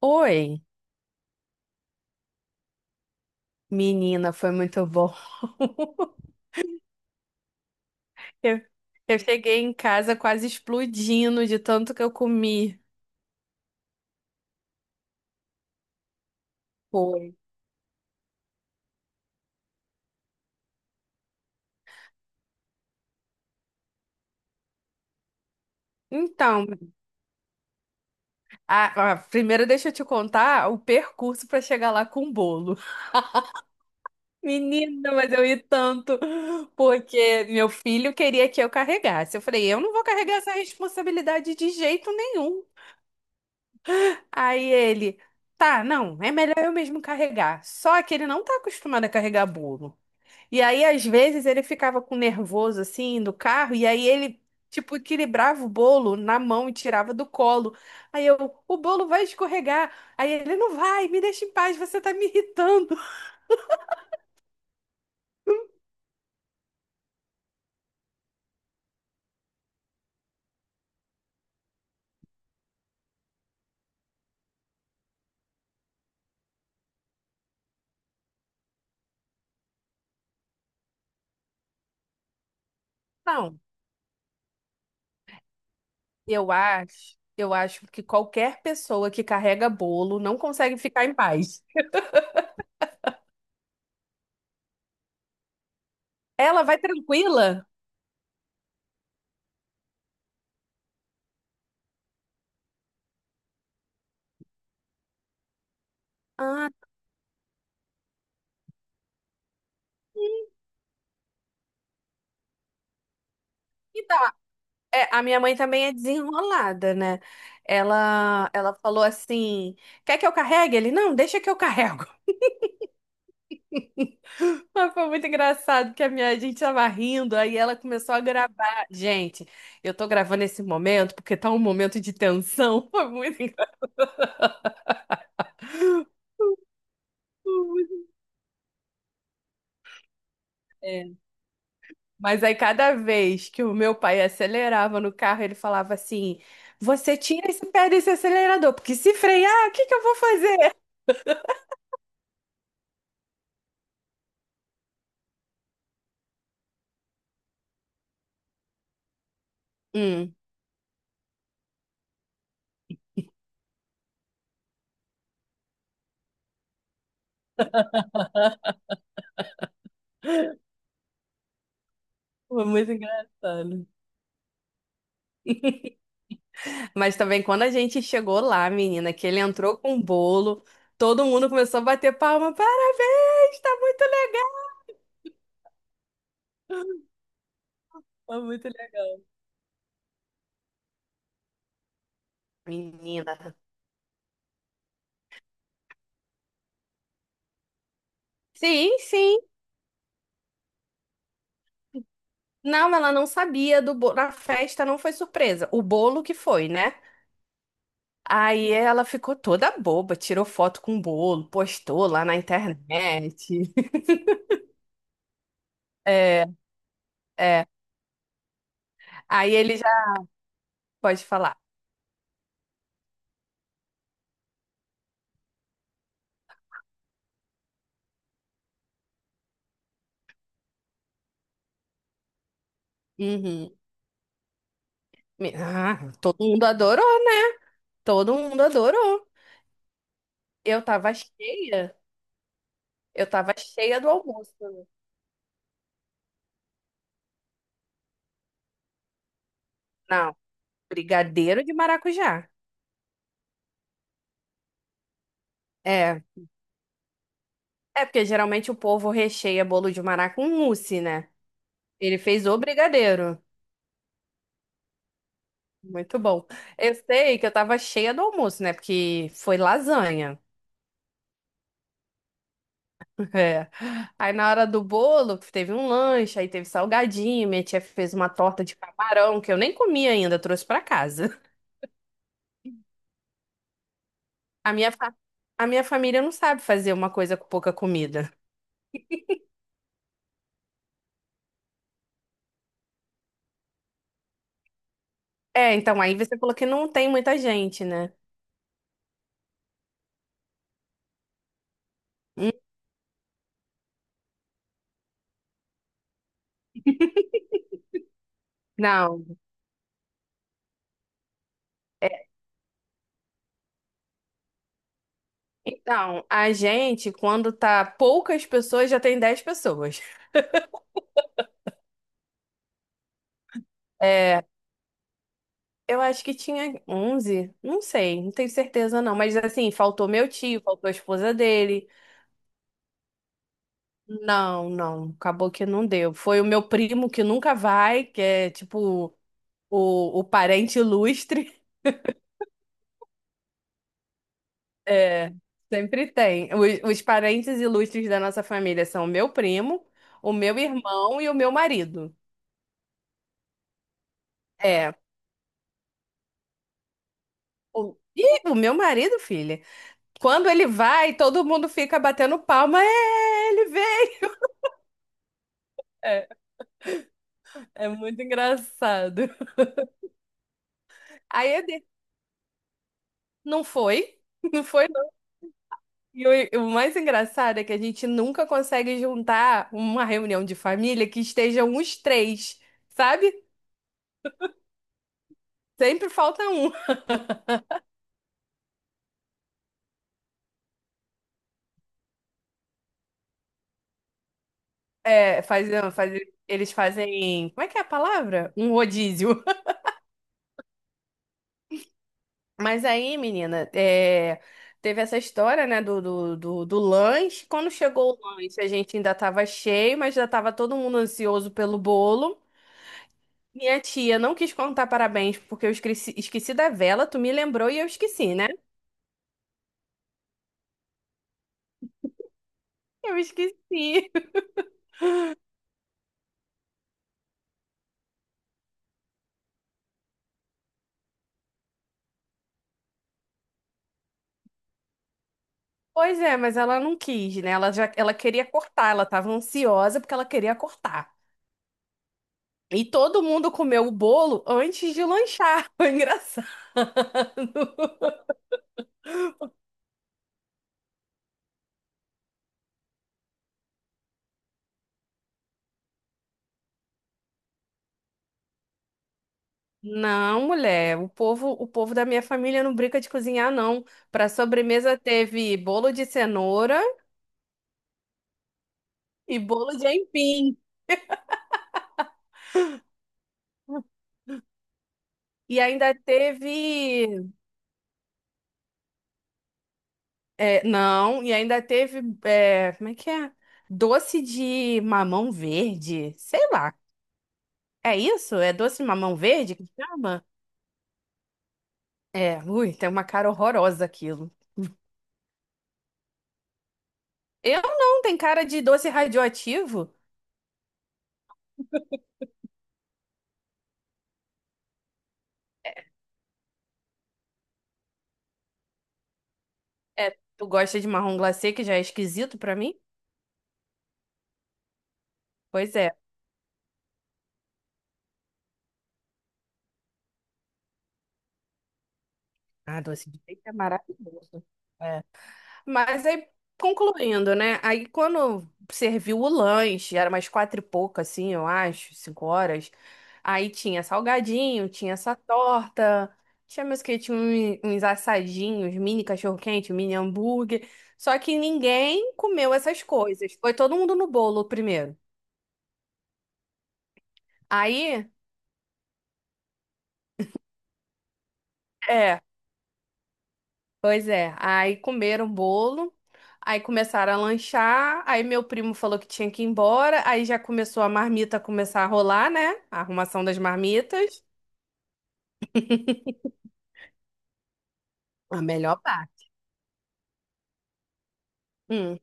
Oi, menina, foi muito bom. Eu, eu cheguei em casa quase explodindo de tanto que eu comi. Foi. Então, primeiro deixa eu te contar o percurso para chegar lá com o bolo. Menina, mas eu ri tanto, porque meu filho queria que eu carregasse. Eu falei, eu não vou carregar essa responsabilidade de jeito nenhum. Aí ele, tá, não, é melhor eu mesmo carregar. Só que ele não tá acostumado a carregar bolo. E aí, às vezes, ele ficava com nervoso assim no carro, e aí ele, tipo, equilibrava o bolo na mão e tirava do colo. Aí eu, o bolo vai escorregar. Aí ele, não vai, me deixa em paz, você tá me irritando. Não, eu acho que qualquer pessoa que carrega bolo não consegue ficar em paz. Ela vai tranquila. Ah, que da é, a minha mãe também é desenrolada, né? Ela falou assim: quer que eu carregue? Ele, não, deixa que eu carrego. Mas foi muito engraçado que a minha gente tava rindo, aí ela começou a gravar. Gente, eu tô gravando esse momento porque tá um momento de tensão. Foi muito engraçado. É. Mas aí cada vez que o meu pai acelerava no carro, ele falava assim: Você tira esse pé desse acelerador, porque se frear, o que que eu vou fazer? Hum, Foi muito engraçado. Mas também quando a gente chegou lá, menina, que ele entrou com o bolo, todo mundo começou a bater palma. Parabéns, tá muito legal. Foi muito legal. Menina. Sim, sim. Não, ela não sabia do bolo. A festa não foi surpresa. O bolo que foi, né? Aí ela ficou toda boba, tirou foto com o bolo, postou lá na internet. É, é. Aí ele já pode falar. Uhum. Ah, todo mundo adorou, né? Todo mundo adorou. Eu tava cheia. Eu tava cheia do almoço. Não, brigadeiro de maracujá. É. É porque geralmente o povo recheia bolo de maracujá com mousse, né? Ele fez o brigadeiro. Muito bom. Eu sei que eu tava cheia do almoço, né? Porque foi lasanha. É. Aí na hora do bolo, teve um lanche, aí teve salgadinho. Minha tia fez uma torta de camarão que eu nem comi ainda, trouxe pra casa. A minha, fa- a minha família não sabe fazer uma coisa com pouca comida. É, então aí você falou que não tem muita gente, né? Hum, não. É, então, a gente, quando tá poucas pessoas, já tem 10 pessoas. É, eu acho que tinha 11, não sei, não tenho certeza não, mas assim, faltou meu tio, faltou a esposa dele. Não, não, acabou que não deu. Foi o meu primo que nunca vai, que é tipo o parente ilustre. É, sempre tem. Os parentes ilustres da nossa família são o meu primo, o meu irmão e o meu marido. É. E o meu marido, filha. Quando ele vai, todo mundo fica batendo palma. É, ele veio. É, é muito engraçado. Aí eu dei, não foi, não foi não. E o mais engraçado é que a gente nunca consegue juntar uma reunião de família que estejam os três, sabe? Sempre falta um. É, faz, eles fazem, como é que é a palavra? Um rodízio. Mas aí, menina, é, teve essa história, né, do lanche. Quando chegou o lanche, a gente ainda tava cheio, mas já tava todo mundo ansioso pelo bolo. Minha tia não quis contar parabéns porque eu esqueci, esqueci da vela, tu me lembrou e eu esqueci, né? Eu esqueci. Pois é, mas ela não quis, né? Ela já, ela queria cortar, ela tava ansiosa porque ela queria cortar. E todo mundo comeu o bolo antes de lanchar. Foi engraçado. Não, mulher, o povo da minha família não brinca de cozinhar, não. Para sobremesa teve bolo de cenoura e bolo de aipim. E ainda teve. É, não, e ainda teve, é, como é que é? Doce de mamão verde, sei lá. É isso? É doce de mamão verde que chama? É, ui, tem uma cara horrorosa aquilo. Eu não, tem cara de doce radioativo. É, tu gosta de marrom glacê, que já é esquisito pra mim? Pois é. Ah, doce de leite é maravilhoso. É. Mas aí, concluindo, né? Aí quando serviu o lanche, era umas quatro e pouco, assim, eu acho, 5 horas. Aí tinha salgadinho, tinha essa torta, tinha meus que tinha uns assadinhos, mini cachorro-quente, mini hambúrguer. Só que ninguém comeu essas coisas. Foi todo mundo no bolo primeiro. Aí, é. Pois é, aí comeram o bolo, aí começaram a lanchar, aí meu primo falou que tinha que ir embora, aí já começou a marmita a começar a rolar, né? A arrumação das marmitas. A melhor parte. Hum,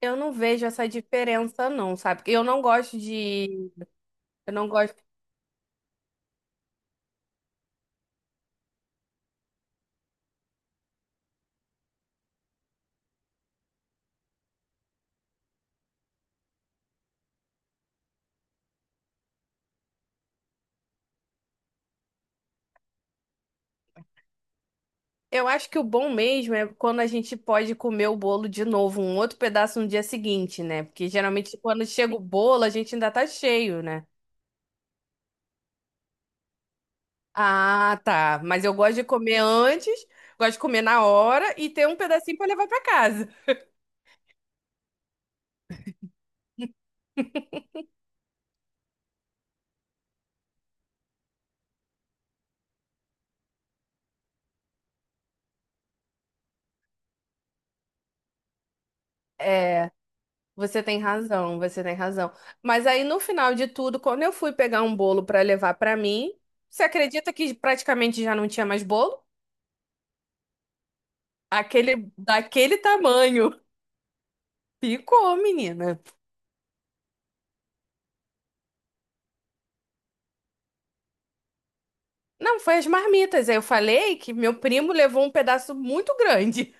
eu não vejo essa diferença não, sabe? Porque eu não gosto de, eu não gosto. Eu acho que o bom mesmo é quando a gente pode comer o bolo de novo, um outro pedaço no dia seguinte, né? Porque geralmente quando chega o bolo, a gente ainda tá cheio, né? Ah, tá. Mas eu gosto de comer antes, gosto de comer na hora e ter um pedacinho pra levar pra casa. É, você tem razão, você tem razão. Mas aí no final de tudo, quando eu fui pegar um bolo pra levar pra mim, você acredita que praticamente já não tinha mais bolo? Aquele daquele tamanho. Ficou, menina. Não, foi as marmitas. Aí eu falei que meu primo levou um pedaço muito grande.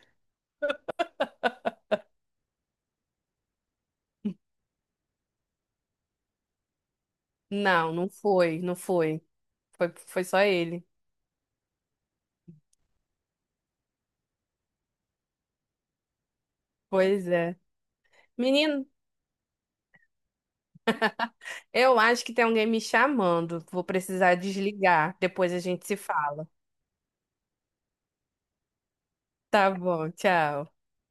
Não, não foi, não foi. Foi, foi só ele. Pois é. Menino, eu acho que tem alguém me chamando. Vou precisar desligar. Depois a gente se fala. Tá bom, tchau.